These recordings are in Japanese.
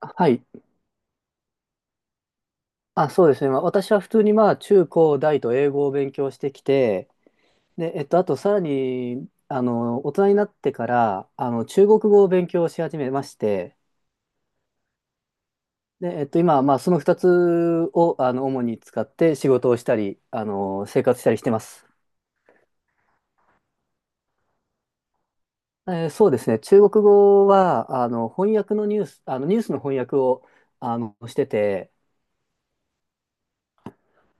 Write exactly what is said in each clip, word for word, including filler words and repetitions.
はい。あ、そうですね。まあ、私は普通にまあ中高大と英語を勉強してきて、で、えっと、あとさらに、あの、大人になってから、あの、中国語を勉強し始めまして、で、えっと、今はまあそのふたつを、あの、主に使って仕事をしたり、あの、生活したりしてます。えーそうですね。中国語は、あの、翻訳のニュース、あの、ニュースの翻訳を、あの、してて、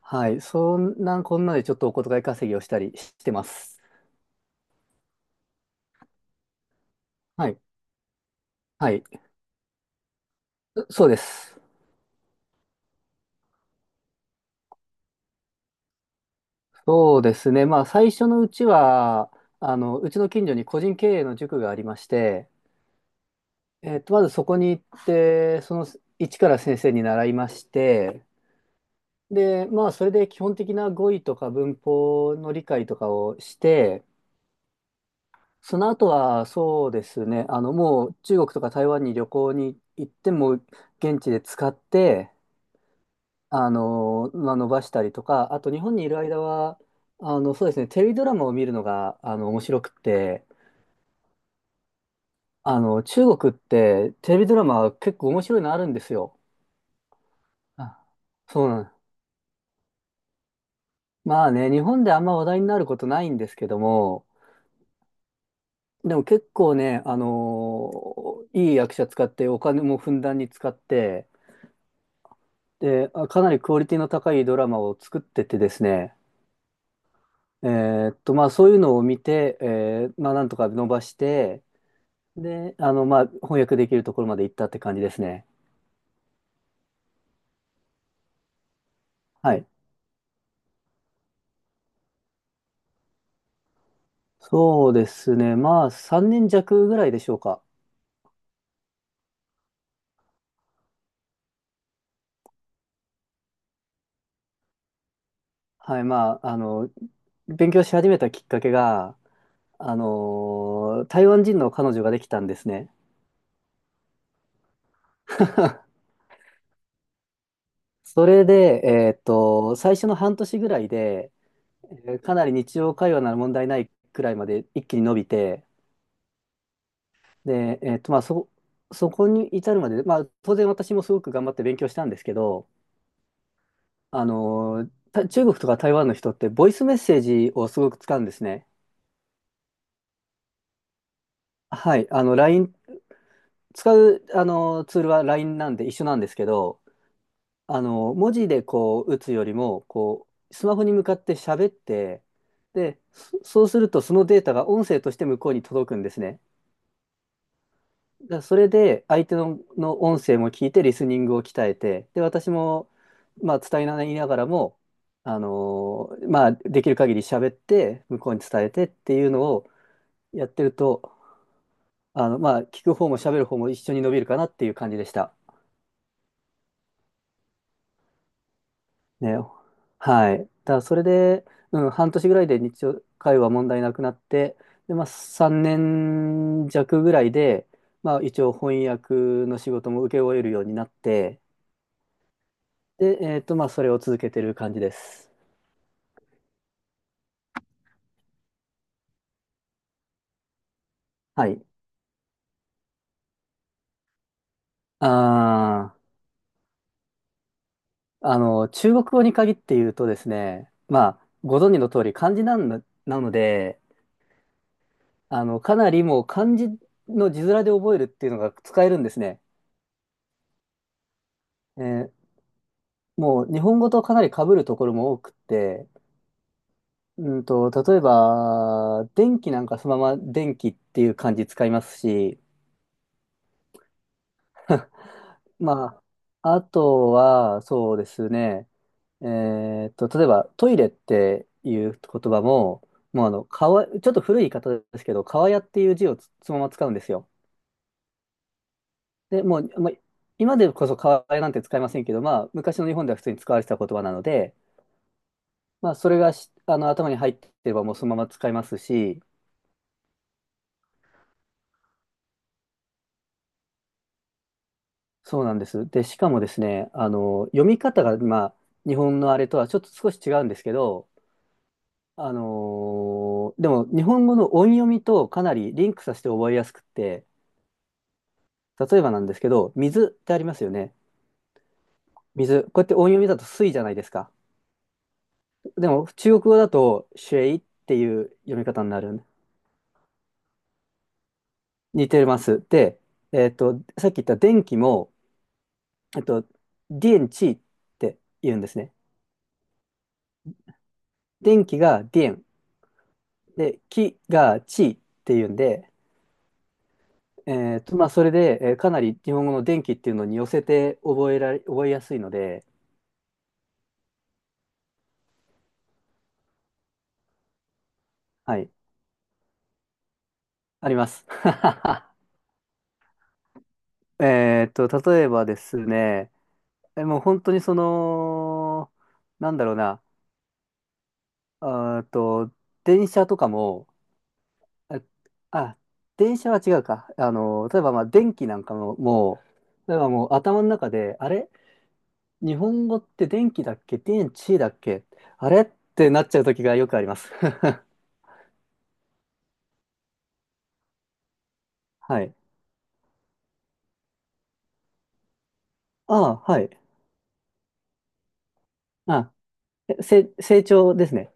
はい。そんな、こんなでちょっとお小遣い稼ぎをしたりしてます。はい。はい。そうです。そうですね。まあ、最初のうちは、あの、うちの近所に個人経営の塾がありまして、えっと、まずそこに行って、その一から先生に習いまして、で、まあ、それで基本的な語彙とか文法の理解とかをして、その後は、そうですね、あの、もう中国とか台湾に旅行に行っても、現地で使って、あの、まあ、伸ばしたりとか、あと日本にいる間は、あの、そうですね、テレビドラマを見るのが、あの、面白くて、あの、中国ってテレビドラマ結構面白いのあるんですよ。あ、そうなん。まあね、日本であんま話題になることないんですけども、でも結構ね、あのいい役者使ってお金もふんだんに使って、で、あかなりクオリティの高いドラマを作っててですね、えーっと、まあそういうのを見て、えーまあなんとか伸ばして、で、あの、まあ翻訳できるところまで行ったって感じですね。はい。そうですね。まあさんねん弱ぐらいでしょうか。はい、まあ、あの、勉強し始めたきっかけが、あの、台湾人の彼女ができたんですね。それで、えーっと、最初の半年ぐらいで、えーかなり日常会話なら問題ないくらいまで一気に伸びて、で、えーっと、まあ、そ、そこに至るまで、まあ、当然私もすごく頑張って勉強したんですけど、あの、た中国とか台湾の人ってボイスメッセージをすごく使うんですね。はい、あの、ライン 使う、あの、ツールは ライン なんで一緒なんですけど、あの、文字でこう打つよりも、こう、スマホに向かって喋って、で、そそうするとそのデータが音声として向こうに届くんですね。だからそれで相手の、の音声も聞いてリスニングを鍛えて、で、私も、まあ、伝えながらも、あの、まあ、できる限り喋って、向こうに伝えてっていうのをやってると、あの、まあ、聞く方も喋る方も一緒に伸びるかなっていう感じでした。ね、はい。だからそれで、うん、半年ぐらいで日常会話問題なくなって、で、まあ、さんねん弱ぐらいで、まあ、一応翻訳の仕事も請け負えるようになって、で、えっと、まあ、それを続けてる感じです。はい。あー、あの、中国語に限って言うとですね、まあ、ご存知の通り、漢字なんだなので、あの、かなりもう漢字の字面で覚えるっていうのが使えるんですね。えーもう日本語とかなり被るところも多くって、うんと、例えば、電気なんかそのまま電気っていう漢字使いますし、まあ、あとは、そうですね、えーっと、例えばトイレっていう言葉も、もうあの、かわ、ちょっと古い言い方ですけど、かわやっていう字をつそのまま使うんですよ。で、もう、まあ、今でこそかわやなんて使いませんけど、まあ、昔の日本では普通に使われてた言葉なので、まあ、それがし、あの、頭に入ってればもうそのまま使いますし、そうなんです。で、しかもですね、あの、読み方が、まあ、日本のあれとはちょっと少し違うんですけど、あのーでも、日本語の音読みとかなりリンクさせて覚えやすくって、例えばなんですけど、水ってありますよね。水。こうやって音読みだと水じゃないですか。でも、中国語だと、シェイっていう読み方になる。似てます。で、えっと、さっき言った電気も、えっと、電池って言うんですね。電気が電で、気が地っていうんで、えーと、まあ、それで、えーかなり日本語の電気っていうのに寄せて覚えられ、覚えやすいので、はい、あります。えっと、例えばですね、えもう本当にその、なんだろうな、あーと、電車とかも、えあ、電車は違うか。あの、例えばまあ電気なんかも、もう、例えばもう頭の中で、あれ日本語って電気だっけ電池だっけあれってなっちゃう時がよくあります。はい。ああ、はい。あ、えせ、成長ですね。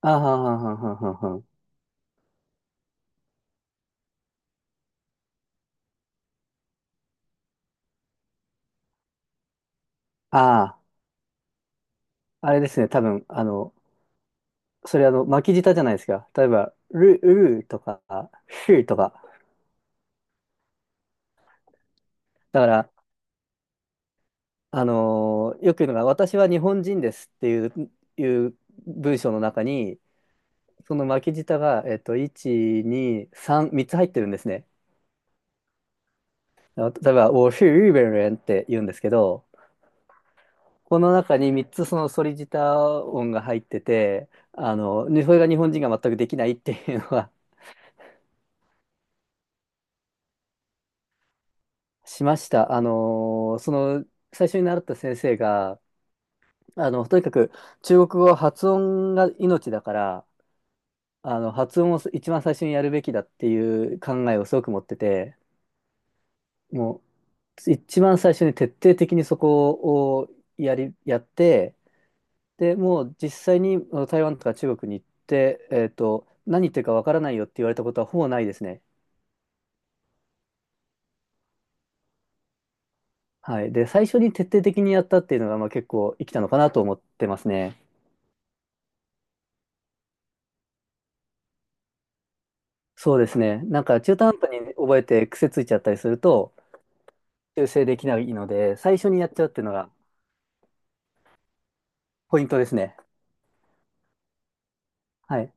ああ、はんはんはんはんはんはん、ああ、あれですね。多分、あの、それあの、巻き舌じゃないですか。例えば、る、うーとか、ふーとか。だから、あのーよく言うのが、私は日本人ですっていう、いう文章の中に、その巻き舌が、えっと、いち、に、さん、みっつ入ってるんですね。あの例えば、我是日本人って言うんですけど、この中にみっつそのソリジター音が入ってて、あの、ねそれが日本人が全くできないっていうのは しました。あの、その、最初に習った先生が、あの、とにかく中国語は発音が命だから、あの、発音を一番最初にやるべきだっていう考えをすごく持ってて、もう、一番最初に徹底的にそこをやり、やって、で、もう実際にあの台湾とか中国に行って、えっと、何言ってるかわからないよって言われたことはほぼないですね。はい。で、最初に徹底的にやったっていうのが、まあ、結構生きたのかなと思ってますね。そうですね。なんか中途半端に覚えて癖ついちゃったりすると、修正できないので、最初にやっちゃうっていうのがポイントですね。はい。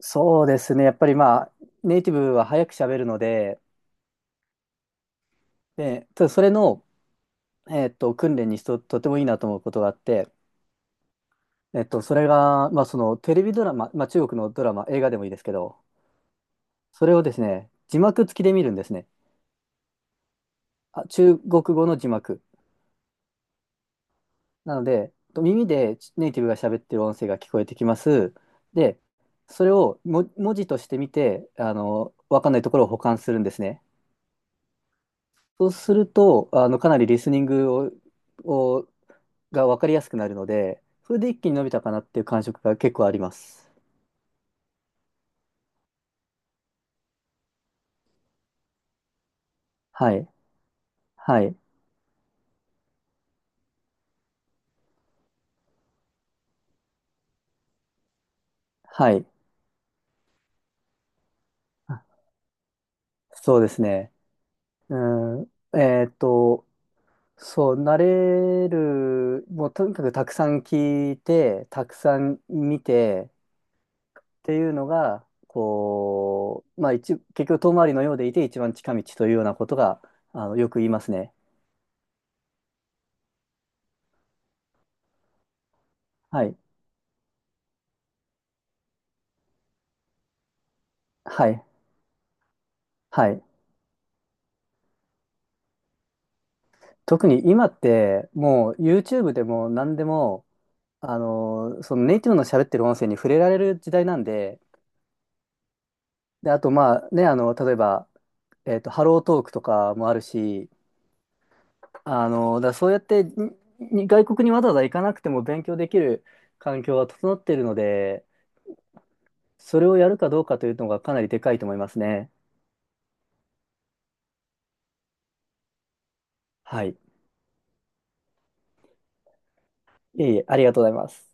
そうですね。やっぱりまあ、ネイティブは早く喋るので、で、ただそれの、えっと、訓練にしと、とてもいいなと思うことがあって、えっと、それが、まあ、そのテレビドラマ、まあ、中国のドラマ、映画でもいいですけど、それをですね、字幕付きで見るんですね。あ、中国語の字幕。なので、と耳でネイティブが喋ってる音声が聞こえてきます。で、それをも文字として見て、あの、わかんないところを補完するんですね。そうすると、あの、かなりリスニングを、をがわかりやすくなるので、それで一気に伸びたかなっていう感触が結構あります。はい。はい。はい。あ、そうですね。うん、えーっと、そう、慣れる、もうとにかくたくさん聞いて、たくさん見てっていうのが、こう、まあ一、結局遠回りのようでいて一番近道というようなことが、あの、よく言いますね。はい。はい。はい。特に今って、もう ユーチューブ でも何でも、あの、そのネイティブの喋ってる音声に触れられる時代なんで、で、あとまあね、あの、例えば、えっと、ハロートークとかもあるし、あの、だからそうやってにに外国にわざわざ行かなくても勉強できる環境が整っているので、それをやるかどうかというのがかなりでかいと思いますね。はい。いえいえ、ありがとうございます。